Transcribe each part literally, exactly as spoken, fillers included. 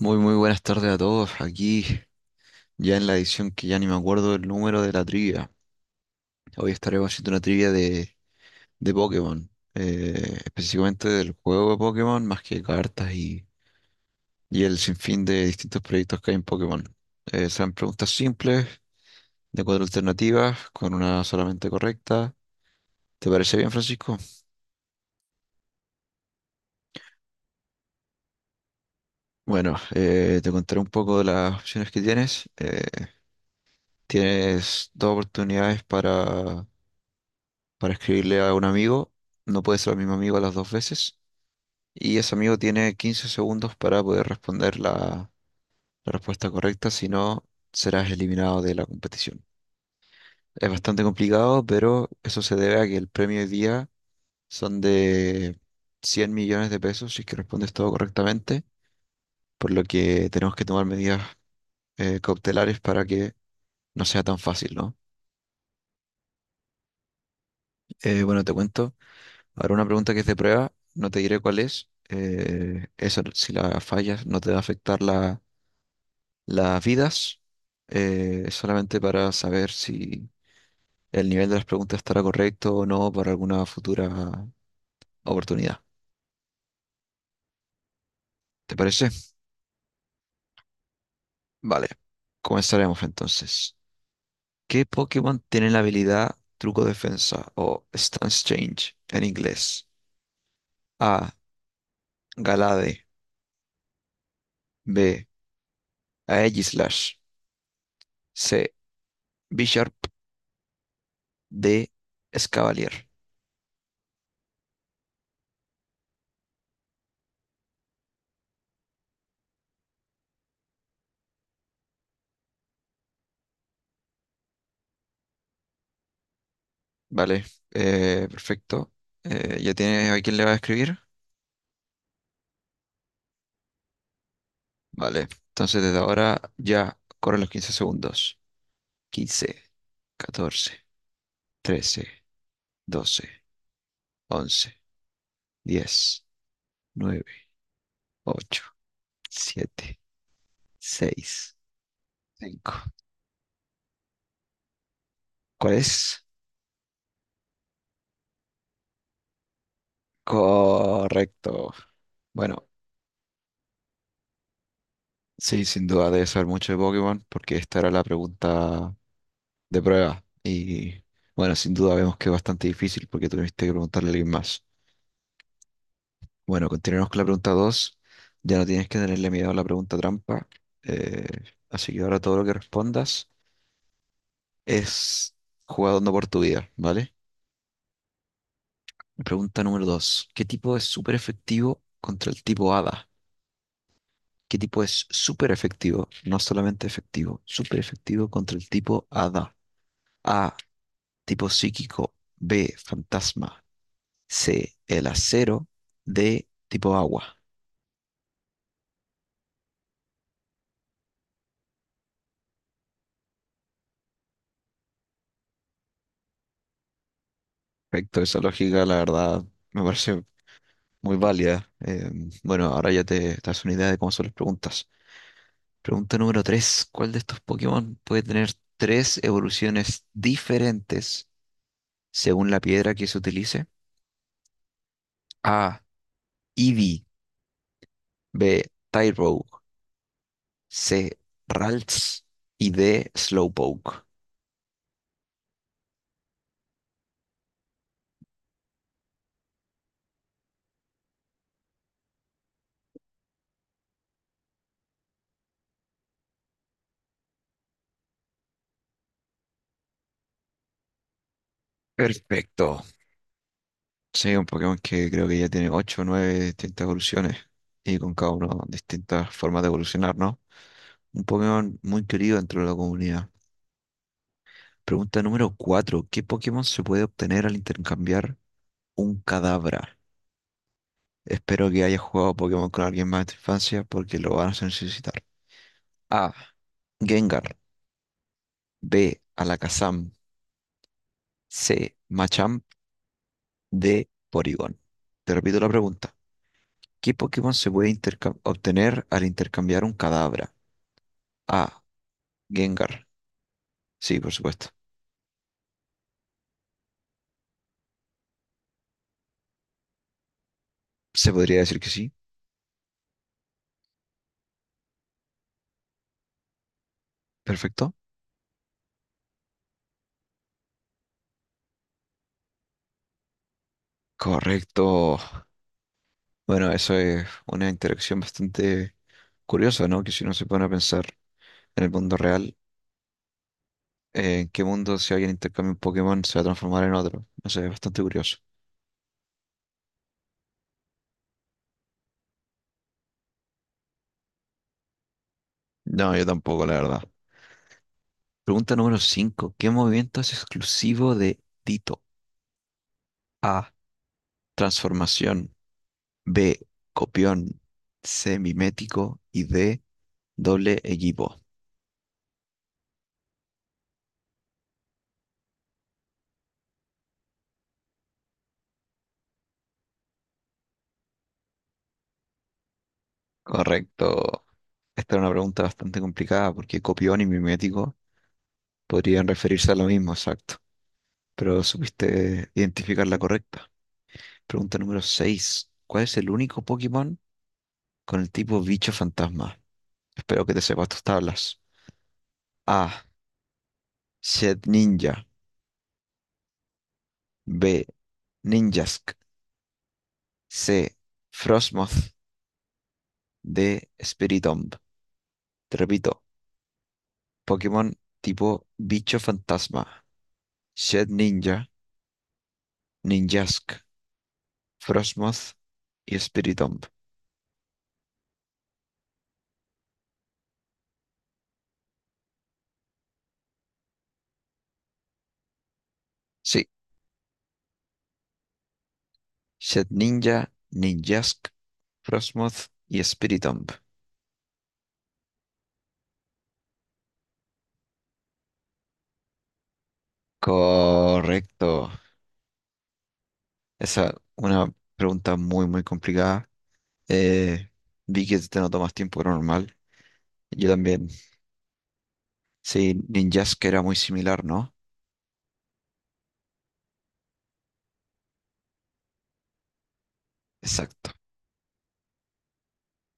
Muy, muy buenas tardes a todos. Aquí ya en la edición que ya ni me acuerdo del número de la trivia. Hoy estaremos haciendo una trivia de, de Pokémon, eh, específicamente del juego de Pokémon, más que cartas y, y el sinfín de distintos proyectos que hay en Pokémon. Eh, serán preguntas simples, de cuatro alternativas, con una solamente correcta. ¿Te parece bien, Francisco? Bueno, eh, te contaré un poco de las opciones que tienes. Eh, tienes dos oportunidades para para escribirle a un amigo. No puede ser el mismo amigo las dos veces. Y ese amigo tiene quince segundos para poder responder la, la respuesta correcta, si no, serás eliminado de la competición. Es bastante complicado, pero eso se debe a que el premio hoy día son de cien millones de pesos si es que respondes todo correctamente, por lo que tenemos que tomar medidas eh, cautelares para que no sea tan fácil, ¿no? Eh, bueno, te cuento. Ahora una pregunta que es de prueba, no te diré cuál es. Eh, esa, si la fallas, no te va a afectar la- las vidas. eh, es solamente para saber si el nivel de las preguntas estará correcto o no para alguna futura oportunidad. ¿Te parece? Vale, comenzaremos entonces. ¿Qué Pokémon tiene la habilidad Truco Defensa o Stance Change en inglés? A. Galade. B. Aegislash. C. Bisharp. D. Escavalier. Vale, eh, perfecto. Eh, ¿ya tienes a quién le va a escribir? Vale, entonces desde ahora ya corren los quince segundos. Quince, catorce, trece, doce, once, diez, nueve, ocho, siete, seis, cinco. ¿Cuál es? Correcto. Bueno, sí, sin duda debes saber mucho de Pokémon porque esta era la pregunta de prueba. Y bueno, sin duda vemos que es bastante difícil porque tuviste que preguntarle a alguien más. Bueno, continuemos con la pregunta dos. Ya no tienes que tenerle miedo a la pregunta trampa. eh, Así que ahora todo lo que respondas es jugando por tu vida, ¿vale? Pregunta número dos: ¿Qué tipo es súper efectivo contra el tipo hada? ¿Qué tipo es súper efectivo? No solamente efectivo, súper efectivo contra el tipo hada. A, tipo psíquico. B, fantasma. C, el acero. D, tipo agua. Perfecto, esa lógica, la verdad, me parece muy válida. Eh, bueno, ahora ya te, te das una idea de cómo son las preguntas. Pregunta número tres. ¿Cuál de estos Pokémon puede tener tres evoluciones diferentes según la piedra que se utilice? A. Eevee. B. Tyrogue. C. Ralts. Y D. Slowpoke. Perfecto. Sí, un Pokémon que creo que ya tiene ocho o nueve distintas evoluciones y con cada uno distintas formas de evolucionar, ¿no? Un Pokémon muy querido dentro de la comunidad. Pregunta número cuatro. ¿Qué Pokémon se puede obtener al intercambiar un cadabra? Espero que hayas jugado Pokémon con alguien más de tu infancia porque lo vas a necesitar. A. Gengar. B. Alakazam. C. Machamp. D. Porygon. Te repito la pregunta. ¿Qué Pokémon se puede interca- obtener al intercambiar un cadabra? A. Gengar. Sí, por supuesto. Se podría decir que sí. Perfecto. Correcto. Bueno, eso es una interacción bastante curiosa, ¿no? Que si uno se pone a pensar en el mundo real, eh, ¿en qué mundo si alguien intercambia un Pokémon se va a transformar en otro? No sé, es bastante curioso. No, yo tampoco, la verdad. Pregunta número cinco. ¿Qué movimiento es exclusivo de Tito? A. Transformación. B. Copión. C. Mimético. Y D. Doble equipo. Correcto. Esta era una pregunta bastante complicada porque copión y mimético podrían referirse a lo mismo, exacto, pero supiste identificar la correcta. Pregunta número seis. ¿Cuál es el único Pokémon con el tipo bicho fantasma? Espero que te sepas tus tablas. A. Shed Ninja. B. Ninjask. C. Frostmoth. D. Spiritomb. Te repito, Pokémon tipo bicho fantasma. Shed Ninja, Ninjask, Frostmoth y Spiritomb. Sí, Shed Ninja, Ninjask, Frostmoth y Spiritomb. Correcto. Esa es una pregunta muy, muy complicada. Eh, Vi que te notó más tiempo que normal. Yo también. Sí, que era muy similar, ¿no? Exacto,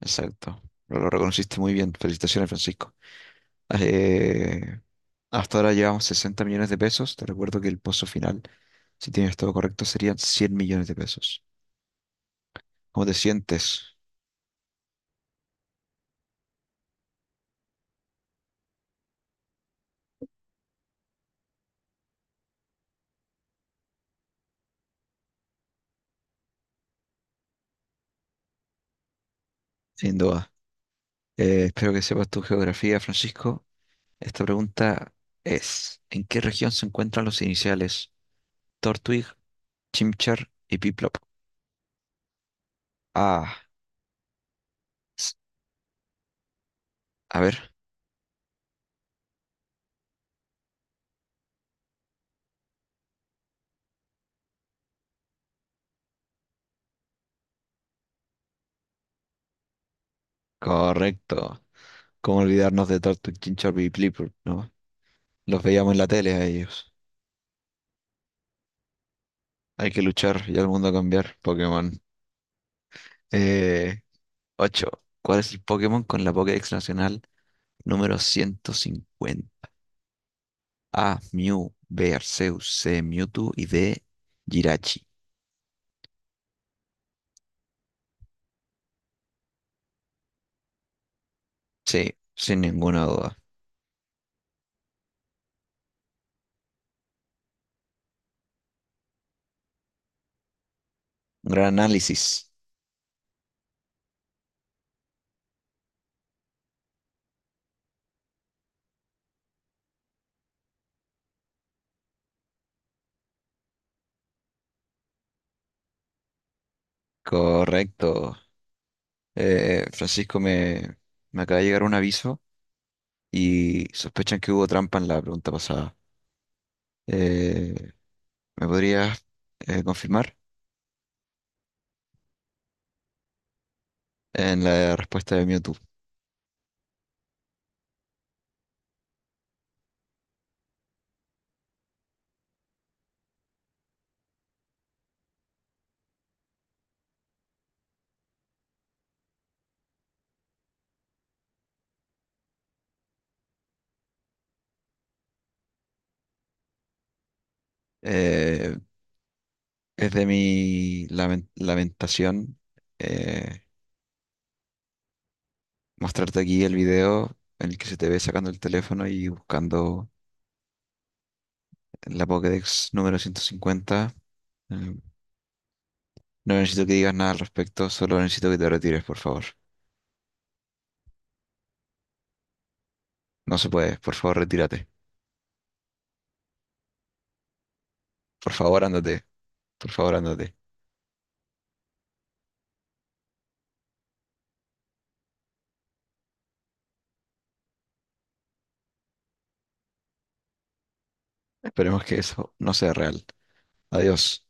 exacto. Lo, lo reconociste muy bien. Felicitaciones, Francisco. Eh, Hasta ahora llevamos sesenta millones de pesos. Te recuerdo que el pozo final, si tienes todo correcto, serían cien millones de pesos. ¿Cómo te sientes? Sin duda. Eh, espero que sepas tu geografía, Francisco. Esta pregunta es, ¿en qué región se encuentran los iniciales Tortwig, Chimchar y Piplop? Ah, s- a ver, correcto. ¿Cómo olvidarnos de Tortwig, Chimchar y Piplop, no? Los veíamos en la tele a ellos. Hay que luchar y al mundo cambiar, Pokémon. Eh, ocho. ¿Cuál es el Pokémon con la Pokédex nacional número ciento cincuenta? A, Mew, B, Arceus, C, Mewtwo y D, Jirachi. Sin ninguna duda. Un gran análisis. Correcto. Eh, Francisco, me, me acaba de llegar un aviso y sospechan que hubo trampa en la pregunta pasada. Eh, ¿Me podrías eh, confirmar en la respuesta de Mewtwo? Eh, es de mi lamen- lamentación eh, mostrarte aquí el video en el que se te ve sacando el teléfono y buscando en la Pokédex número ciento cincuenta. Eh, no necesito que digas nada al respecto, solo necesito que te retires, por favor. No se puede, por favor, retírate. Por favor, ándate. Por favor, ándate. Esperemos que eso no sea real. Adiós.